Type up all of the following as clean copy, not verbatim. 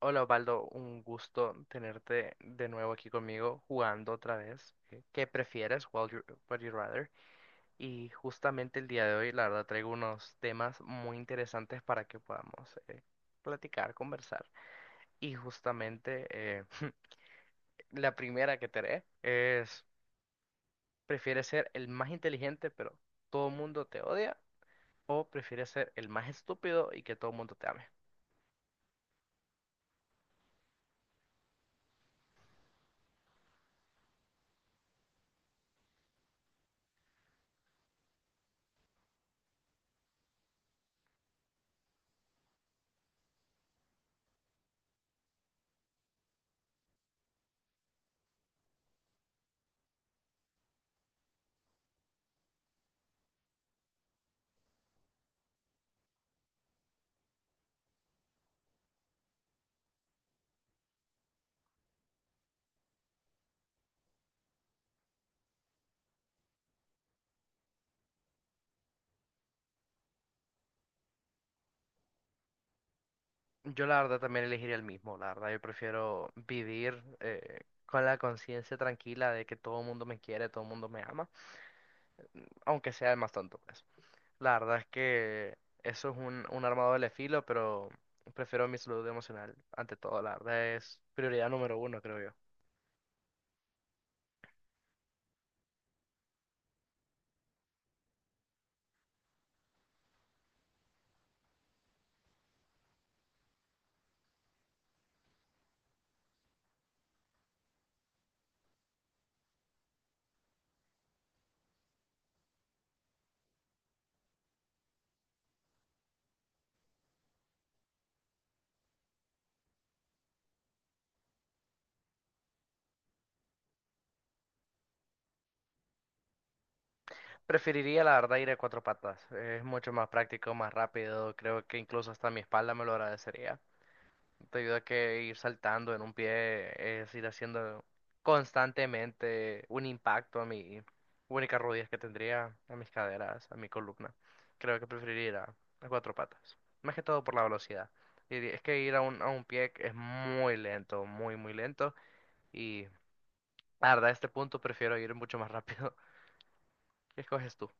Hola Osvaldo, un gusto tenerte de nuevo aquí conmigo jugando otra vez. ¿Qué prefieres? What you rather? Y justamente el día de hoy, la verdad, traigo unos temas muy interesantes para que podamos platicar, conversar. Y justamente la primera que te haré es, ¿prefieres ser el más inteligente pero todo el mundo te odia? ¿O prefieres ser el más estúpido y que todo el mundo te ame? Yo la verdad también elegiría el mismo, la verdad yo prefiero vivir con la conciencia tranquila de que todo el mundo me quiere, todo el mundo me ama, aunque sea el más tonto, pues. La verdad es que eso es un arma de doble filo, pero prefiero mi salud emocional ante todo, la verdad es prioridad número uno, creo yo. Preferiría la verdad ir a cuatro patas, es mucho más práctico, más rápido, creo que incluso hasta mi espalda me lo agradecería. Te ayuda a que ir saltando en un pie, es ir haciendo constantemente un impacto a mi únicas rodillas que tendría, a mis caderas, a mi columna. Creo que preferiría ir a cuatro patas, más que todo por la velocidad. Y es que ir a un pie es muy lento, muy, muy lento. Y la verdad, a este punto prefiero ir mucho más rápido. ¿Qué escoges tú?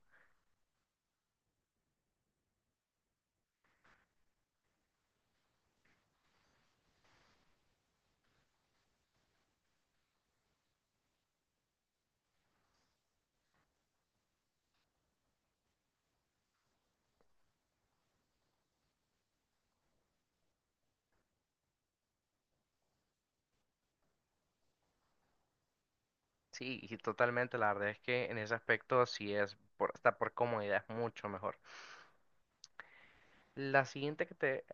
Sí, y totalmente, la verdad es que en ese aspecto sí es, hasta por comodidad, es mucho mejor. La siguiente que te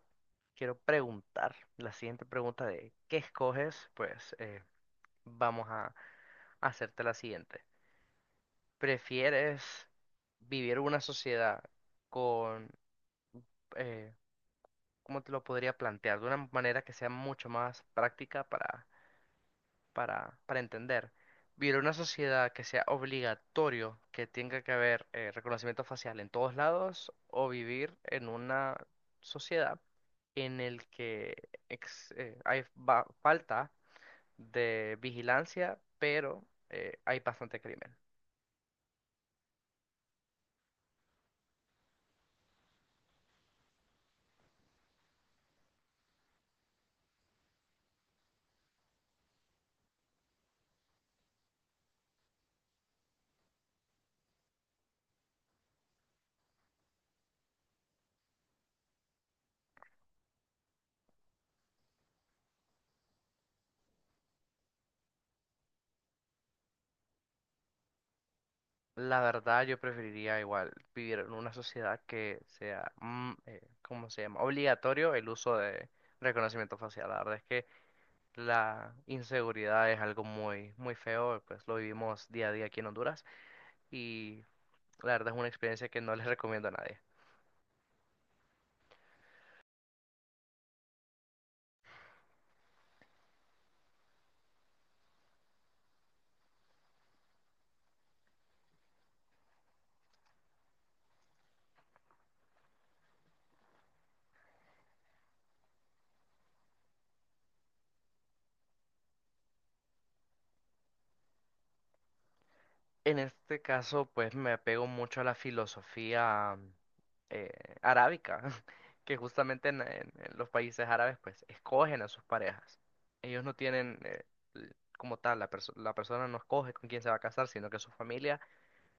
Quiero preguntar la siguiente pregunta de ¿qué escoges? Pues vamos a hacerte la siguiente. ¿Prefieres vivir una sociedad con, eh, ¿cómo te lo podría plantear? De una manera que sea mucho más práctica para entender. Vivir una sociedad que sea obligatorio, que tenga que haber reconocimiento facial en todos lados, o vivir en una sociedad en el que hay falta de vigilancia, pero hay bastante crimen. La verdad, yo preferiría igual vivir en una sociedad que sea, ¿cómo se llama? Obligatorio el uso de reconocimiento facial. La verdad es que la inseguridad es algo muy, muy feo, pues lo vivimos día a día aquí en Honduras y la verdad es una experiencia que no les recomiendo a nadie. En este caso, pues me apego mucho a la filosofía eh, arábica, que justamente en los países árabes, pues escogen a sus parejas. Ellos no tienen como tal, la persona no escoge con quién se va a casar, sino que su familia,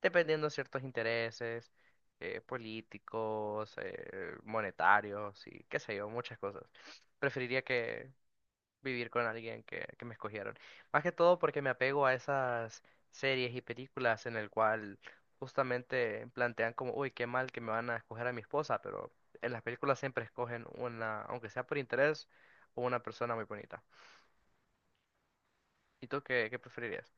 dependiendo de ciertos intereses políticos, monetarios y qué sé yo, muchas cosas. Preferiría vivir con alguien que me escogieron. Más que todo porque me apego a esas series y películas en el cual justamente plantean como, uy, qué mal que me van a escoger a mi esposa, pero en las películas siempre escogen una, aunque sea por interés, o una persona muy bonita. ¿Y tú qué preferirías?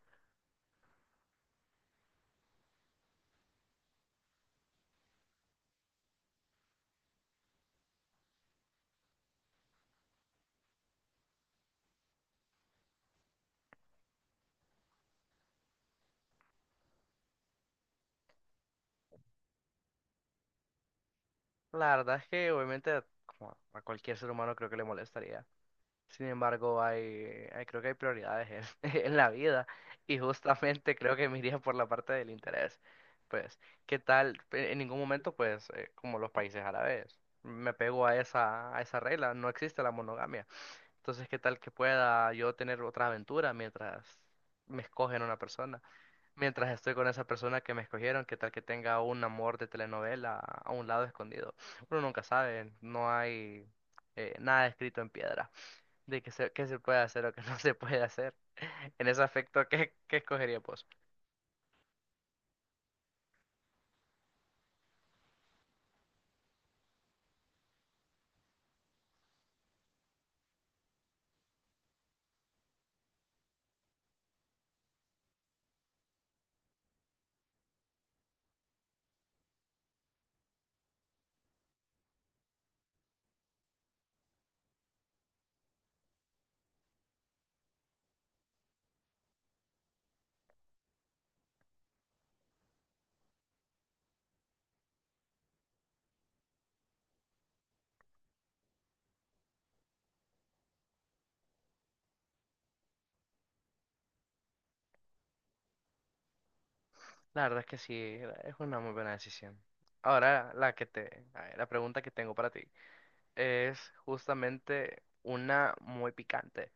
La verdad es que obviamente como a cualquier ser humano creo que le molestaría. Sin embargo, creo que hay prioridades en, en la vida y justamente creo que me iría por la parte del interés. Pues, ¿qué tal? En ningún momento, pues, como los países árabes, me pego a esa regla, no existe la monogamia. Entonces, ¿qué tal que pueda yo tener otra aventura mientras me escogen una persona? Mientras estoy con esa persona que me escogieron, ¿qué tal que tenga un amor de telenovela a un lado escondido? Uno nunca sabe, no hay nada escrito en piedra de qué se puede hacer o qué no se puede hacer. En ese aspecto, ¿qué escogería vos? La verdad es que sí, es una muy buena decisión. Ahora, la que te, a ver, la pregunta que tengo para ti es justamente una muy picante.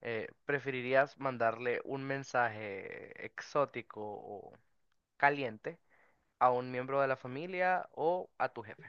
¿Preferirías mandarle un mensaje exótico o caliente a un miembro de la familia o a tu jefe?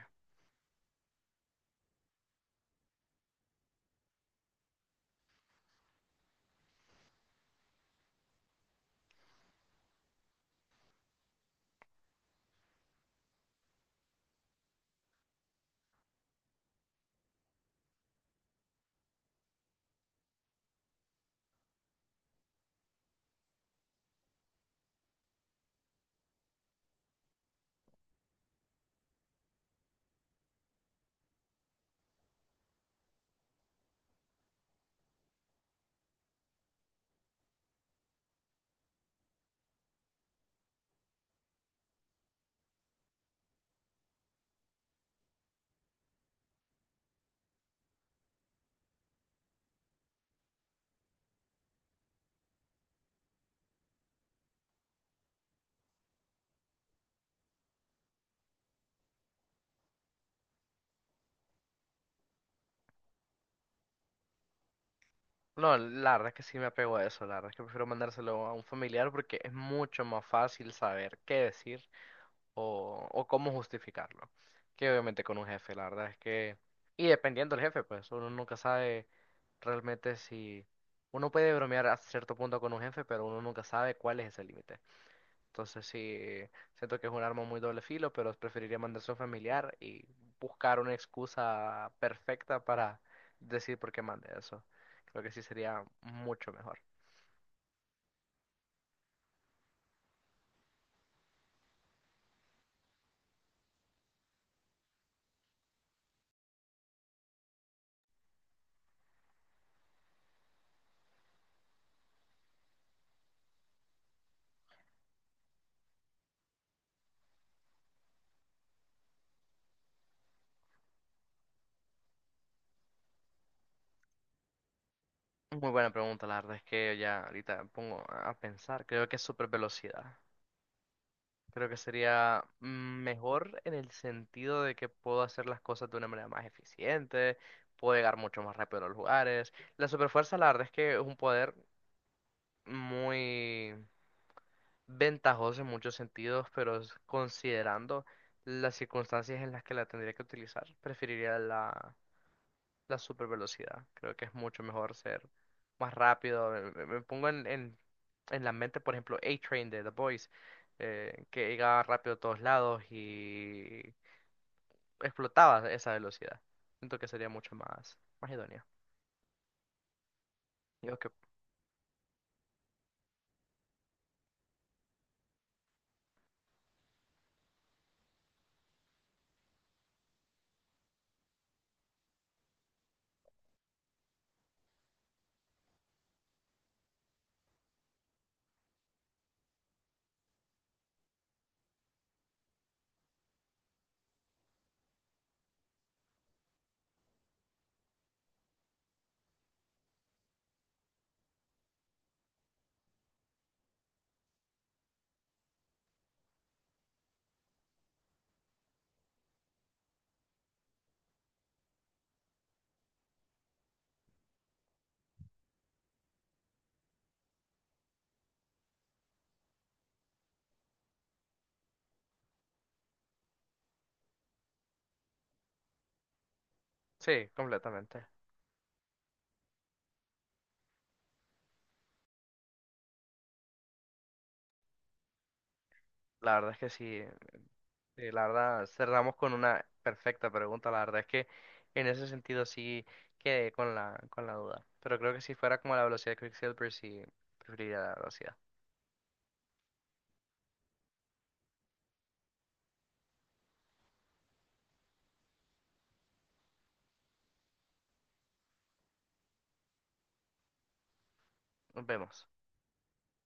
No, la verdad es que sí me apego a eso. La verdad es que prefiero mandárselo a un familiar porque es mucho más fácil saber qué decir o cómo justificarlo. Que obviamente con un jefe, la verdad es que. Y dependiendo del jefe, pues uno nunca sabe realmente si. Uno puede bromear hasta cierto punto con un jefe, pero uno nunca sabe cuál es ese límite. Entonces sí, siento que es un arma muy doble filo, pero preferiría mandarse a un familiar y buscar una excusa perfecta para decir por qué mande eso. Creo que sí sería mucho mejor. Muy buena pregunta, la verdad es que ya ahorita me pongo a pensar. Creo que es super velocidad. Creo que sería mejor en el sentido de que puedo hacer las cosas de una manera más eficiente, puedo llegar mucho más rápido a los lugares. La superfuerza, la verdad es que es un poder muy ventajoso en muchos sentidos, pero considerando las circunstancias en las que la tendría que utilizar, preferiría la super velocidad. Creo que es mucho mejor ser más rápido. Me pongo en la mente, por ejemplo, A-Train de The Boys, que llegaba rápido a todos lados y explotaba esa velocidad. Siento que sería mucho más idóneo. Digo que sí, completamente. La verdad es que sí, sí, la verdad cerramos con una perfecta pregunta. La verdad es que en ese sentido sí quedé con con la duda. Pero creo que si fuera como la velocidad de Quicksilver, sí preferiría la velocidad. Nos vemos.